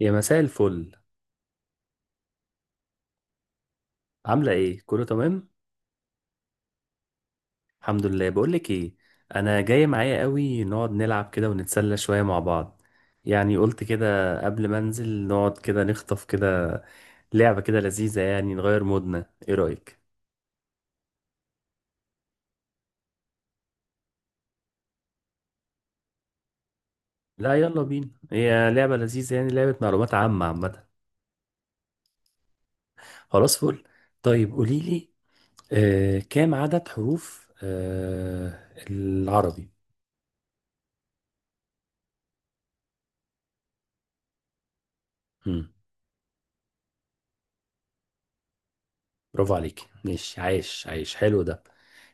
يا مساء الفل. عاملة ايه؟ كله تمام؟ الحمد لله. بقولك ايه؟ انا جاي معايا قوي نقعد نلعب كده ونتسلى شوية مع بعض. يعني قلت كده قبل ما انزل نقعد كده نخطف كده لعبة كده لذيذة، يعني نغير مودنا. ايه رأيك؟ لا يلا بينا، هي لعبة لذيذة، يعني لعبة معلومات عامة عامة. خلاص فل. طيب قوليلي، كام عدد حروف العربي؟ برافو عليك. مش عايش، عايش حلو ده.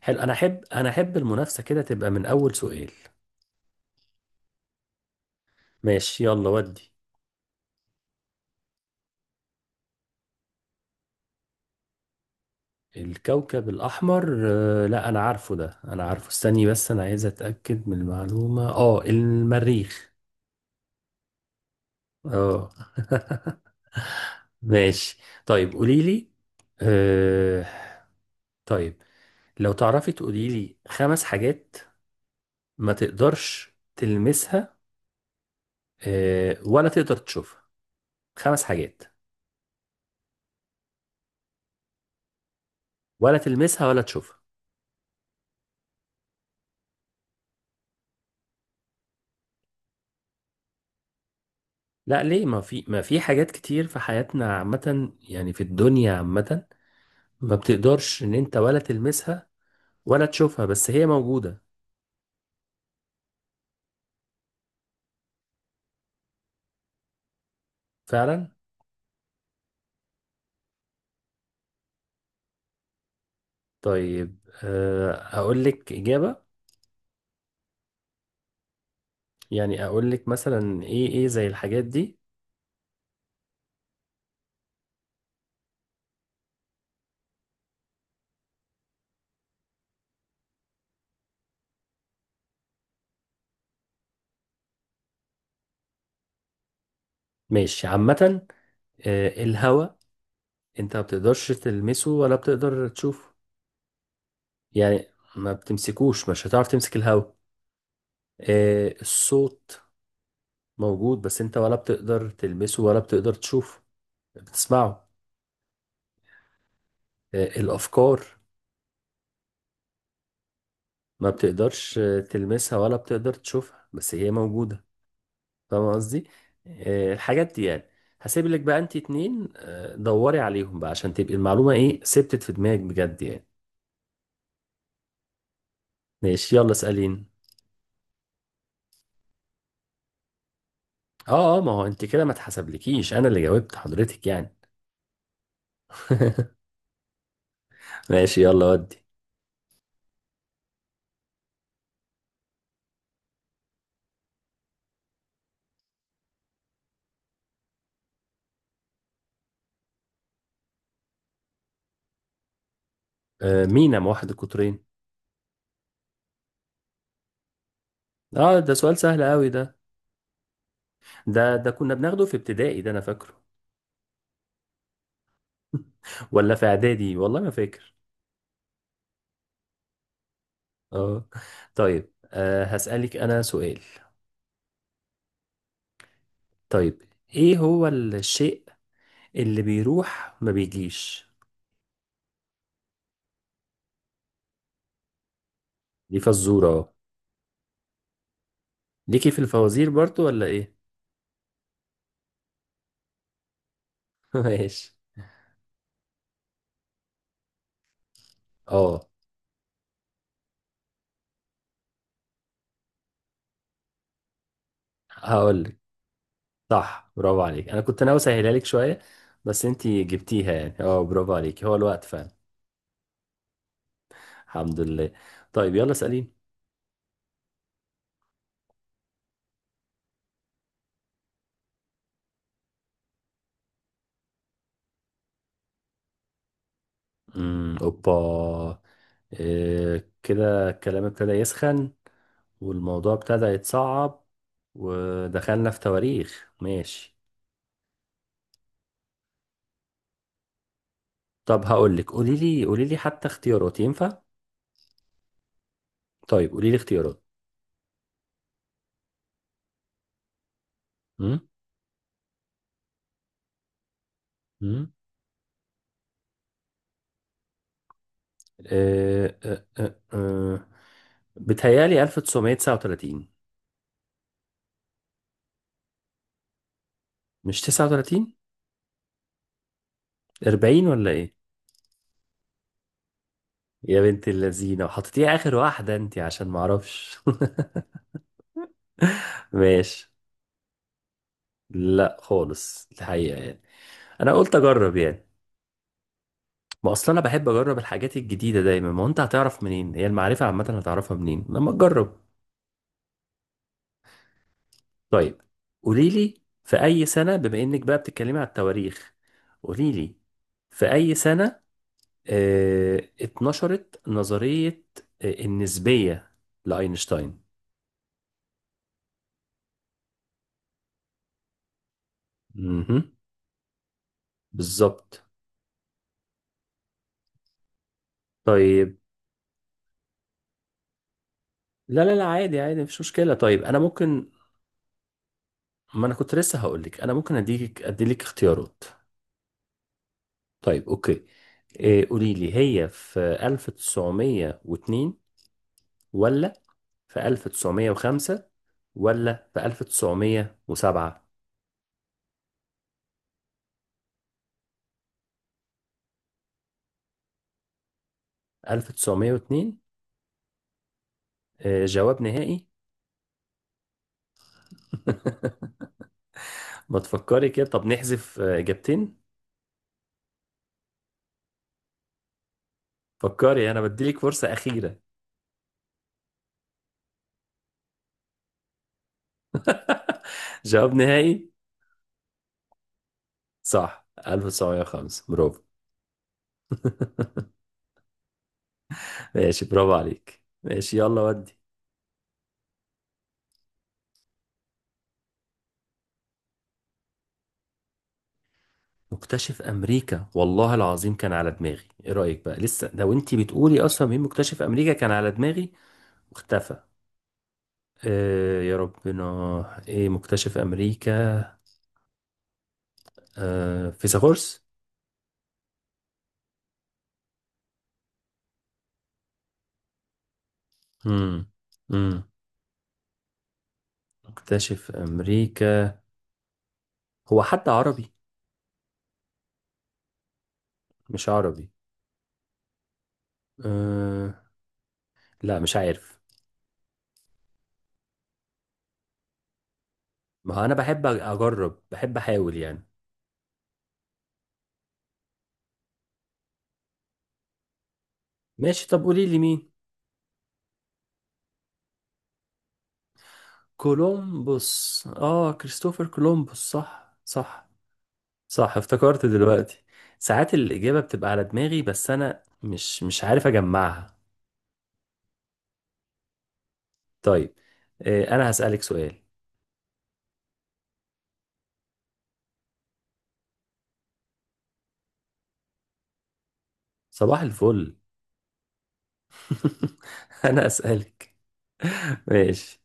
حلو، انا احب المنافسة كده تبقى من اول سؤال. ماشي يلا ودي. الكوكب الاحمر. لا انا عارفه ده، انا عارفه، استني بس، انا عايز اتاكد من المعلومة، المريخ. اه. ماشي. طيب قولي لي، آه طيب لو تعرفي تقولي لي 5 حاجات ما تقدرش تلمسها ولا تقدر تشوفها. 5 حاجات. ولا تلمسها ولا تشوفها. لا ليه، ما في حاجات كتير في حياتنا عامة، يعني في الدنيا عامة، ما بتقدرش ان انت ولا تلمسها ولا تشوفها بس هي موجودة. فعلا. طيب، اقول لك اجابة. يعني اقول لك مثلا ايه زي الحاجات دي. ماشي عامة. الهواء. انت ما بتقدرش تلمسه ولا بتقدر تشوفه. يعني ما بتمسكوش، مش هتعرف تمسك الهواء. الصوت. موجود بس انت ولا بتقدر تلمسه ولا بتقدر تشوفه، بتسمعه. الأفكار. ما بتقدرش تلمسها ولا بتقدر تشوفها، بس هي موجودة. فاهم قصدي؟ الحاجات دي يعني. هسيب لك بقى انت 2، دوري عليهم بقى عشان تبقي المعلومة ثبتت في دماغك بجد يعني. ماشي يلا اسألين. اه ما هو انت كده ما اتحسبلكيش انا اللي جاوبت حضرتك يعني. ماشي يلا ودي. مينا موحد القطرين. اه ده سؤال سهل قوي ده. ده كنا بناخده في ابتدائي، ده انا فاكره، ولا في اعدادي، والله ما فاكر. اه. طيب، هسألك أنا سؤال. طيب، إيه هو الشيء اللي بيروح ما بيجيش؟ دي فزورة اه. ليكي في الفوازير برضو ولا إيه؟ ماشي. اه، هقولك صح، برافو عليك. أنا كنت ناوي أسهلها لك شوية، بس أنتي جبتيها يعني، اه برافو عليك. هو الوقت فعلا. الحمد لله. طيب يلا اسأليني. امم، اوبا، إيه كده، الكلام ابتدى يسخن والموضوع ابتدى يتصعب، ودخلنا في تواريخ. ماشي. طب هقول لك، قولي لي قولي لي حتى اختيارات ينفع؟ طيب قولي لي اختيارات. امم امم أه أه أه أه. بتهيالي 1939. مش 39؟ 40 ولا ايه؟ يا بنت اللذينه، وحطيتيها اخر واحده انت عشان ما اعرفش. ماشي. لا خالص الحقيقه يعني، انا قلت اجرب يعني. ما اصل انا بحب اجرب الحاجات الجديده دايما. ما هو انت هتعرف منين؟ هي المعرفه عامه هتعرفها منين لما تجرب؟ طيب قولي لي، في اي سنه، بما انك بقى بتتكلمي على التواريخ، قولي لي في اي سنه اتنشرت نظريه النسبيه لاينشتاين؟ مهم. بالظبط. طيب. لا لا لا، عادي عادي، مفيش مشكله. طيب انا ممكن، ما انا كنت لسه هقول لك انا ممكن اديلك اختيارات. طيب اوكي. إيه، قولي لي هي في 1902 ولا في 1905 ولا في 1907؟ 1902؟ جواب نهائي؟ ما تفكري كده، طب نحذف إجابتين. فكري، أنا بديلك فرصة أخيرة. جواب نهائي؟ صح، 1905 برافو. ماشي، برافو عليك. ماشي يلا ودي. مكتشف امريكا، والله العظيم كان على دماغي. ايه رايك بقى لسه، لو انت بتقولي اصلا مين مكتشف امريكا، كان على دماغي، اختفى. آه يا ربنا. ايه مكتشف امريكا؟ آه، فيثاغورس. امم امم مكتشف امريكا، هو حتى عربي؟ مش عربي؟ آه. لا مش عارف. ما هو انا بحب اجرب، بحب احاول يعني. ماشي، طب قولي لي مين. كولومبوس، اه كريستوفر كولومبوس. صح صح. صح، افتكرت دلوقتي. ساعات الاجابة بتبقى على دماغي بس انا مش عارف اجمعها. طيب، انا هسألك سؤال. صباح الفل. انا اسالك. ماشي.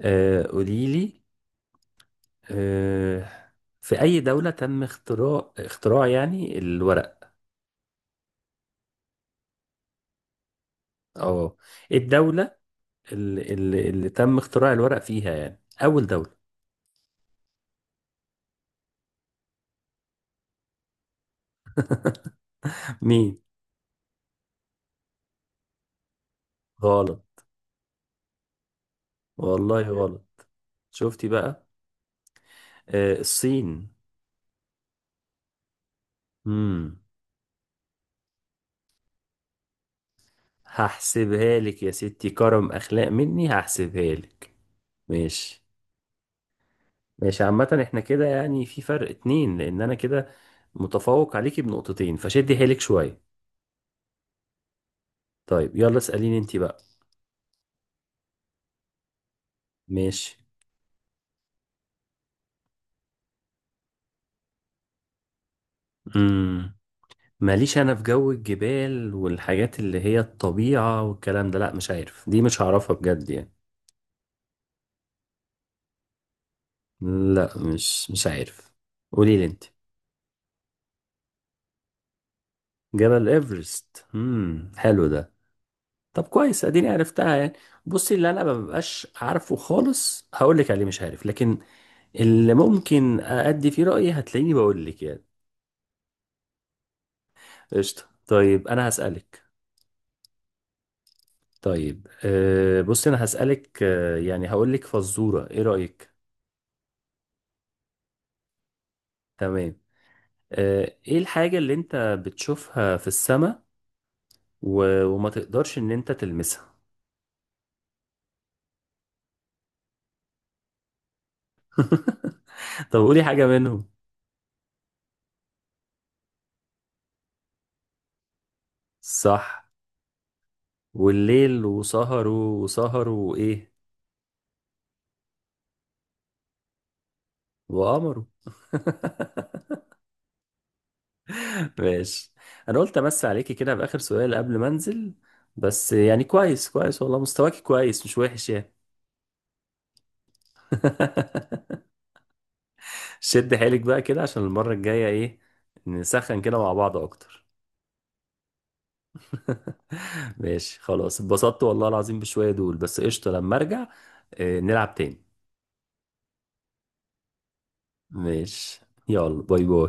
قولي لي، آه في اي دوله تم اختراع يعني الورق؟ اه، إيه الدوله اللي تم اختراع الورق فيها يعني، اول دوله؟ مين؟ غلط. والله غلط. شفتي بقى. آه، الصين. امم. هحسبها لك يا ستي، كرم اخلاق مني هحسبها لك. ماشي. ماشي عامة، احنا كده يعني في فرق اتنين، لان انا كده متفوق عليكي بنقطتين، فشدي حيلك شوية. طيب يلا اسأليني انتي بقى. ماشي. امم. ماليش انا في جو الجبال والحاجات اللي هي الطبيعة والكلام ده، لا مش عارف، دي مش هعرفها بجد يعني. لا مش عارف. قولي لي انتي. جبل ايفرست. امم، حلو ده. طب كويس، اديني عرفتها يعني. بصي، اللي انا ما ببقاش عارفه خالص هقول لك عليه مش عارف، لكن اللي ممكن أدي فيه رأيي هتلاقيني بقول لك يعني. قشطة طيب أنا هسألك. طيب، بص أنا هسألك، يعني هقول لك فزورة، إيه رأيك؟ تمام. إيه الحاجة اللي أنت بتشوفها في السماء و... وما تقدرش إن أنت تلمسها؟ طب قولي حاجة منهم. صح. والليل، وسهروا وسهروا وإيه؟ وقمروا. ماشي. انا قلت امس عليكي كده باخر سؤال قبل ما انزل، بس يعني كويس كويس والله، مستواكي كويس مش وحش يعني. شد حيلك بقى كده عشان المرة الجاية ايه، نسخن كده مع بعض اكتر. ماشي خلاص، اتبسطت والله العظيم بشوية دول بس. قشطة لما ارجع نلعب تاني. ماشي يلا باي باي.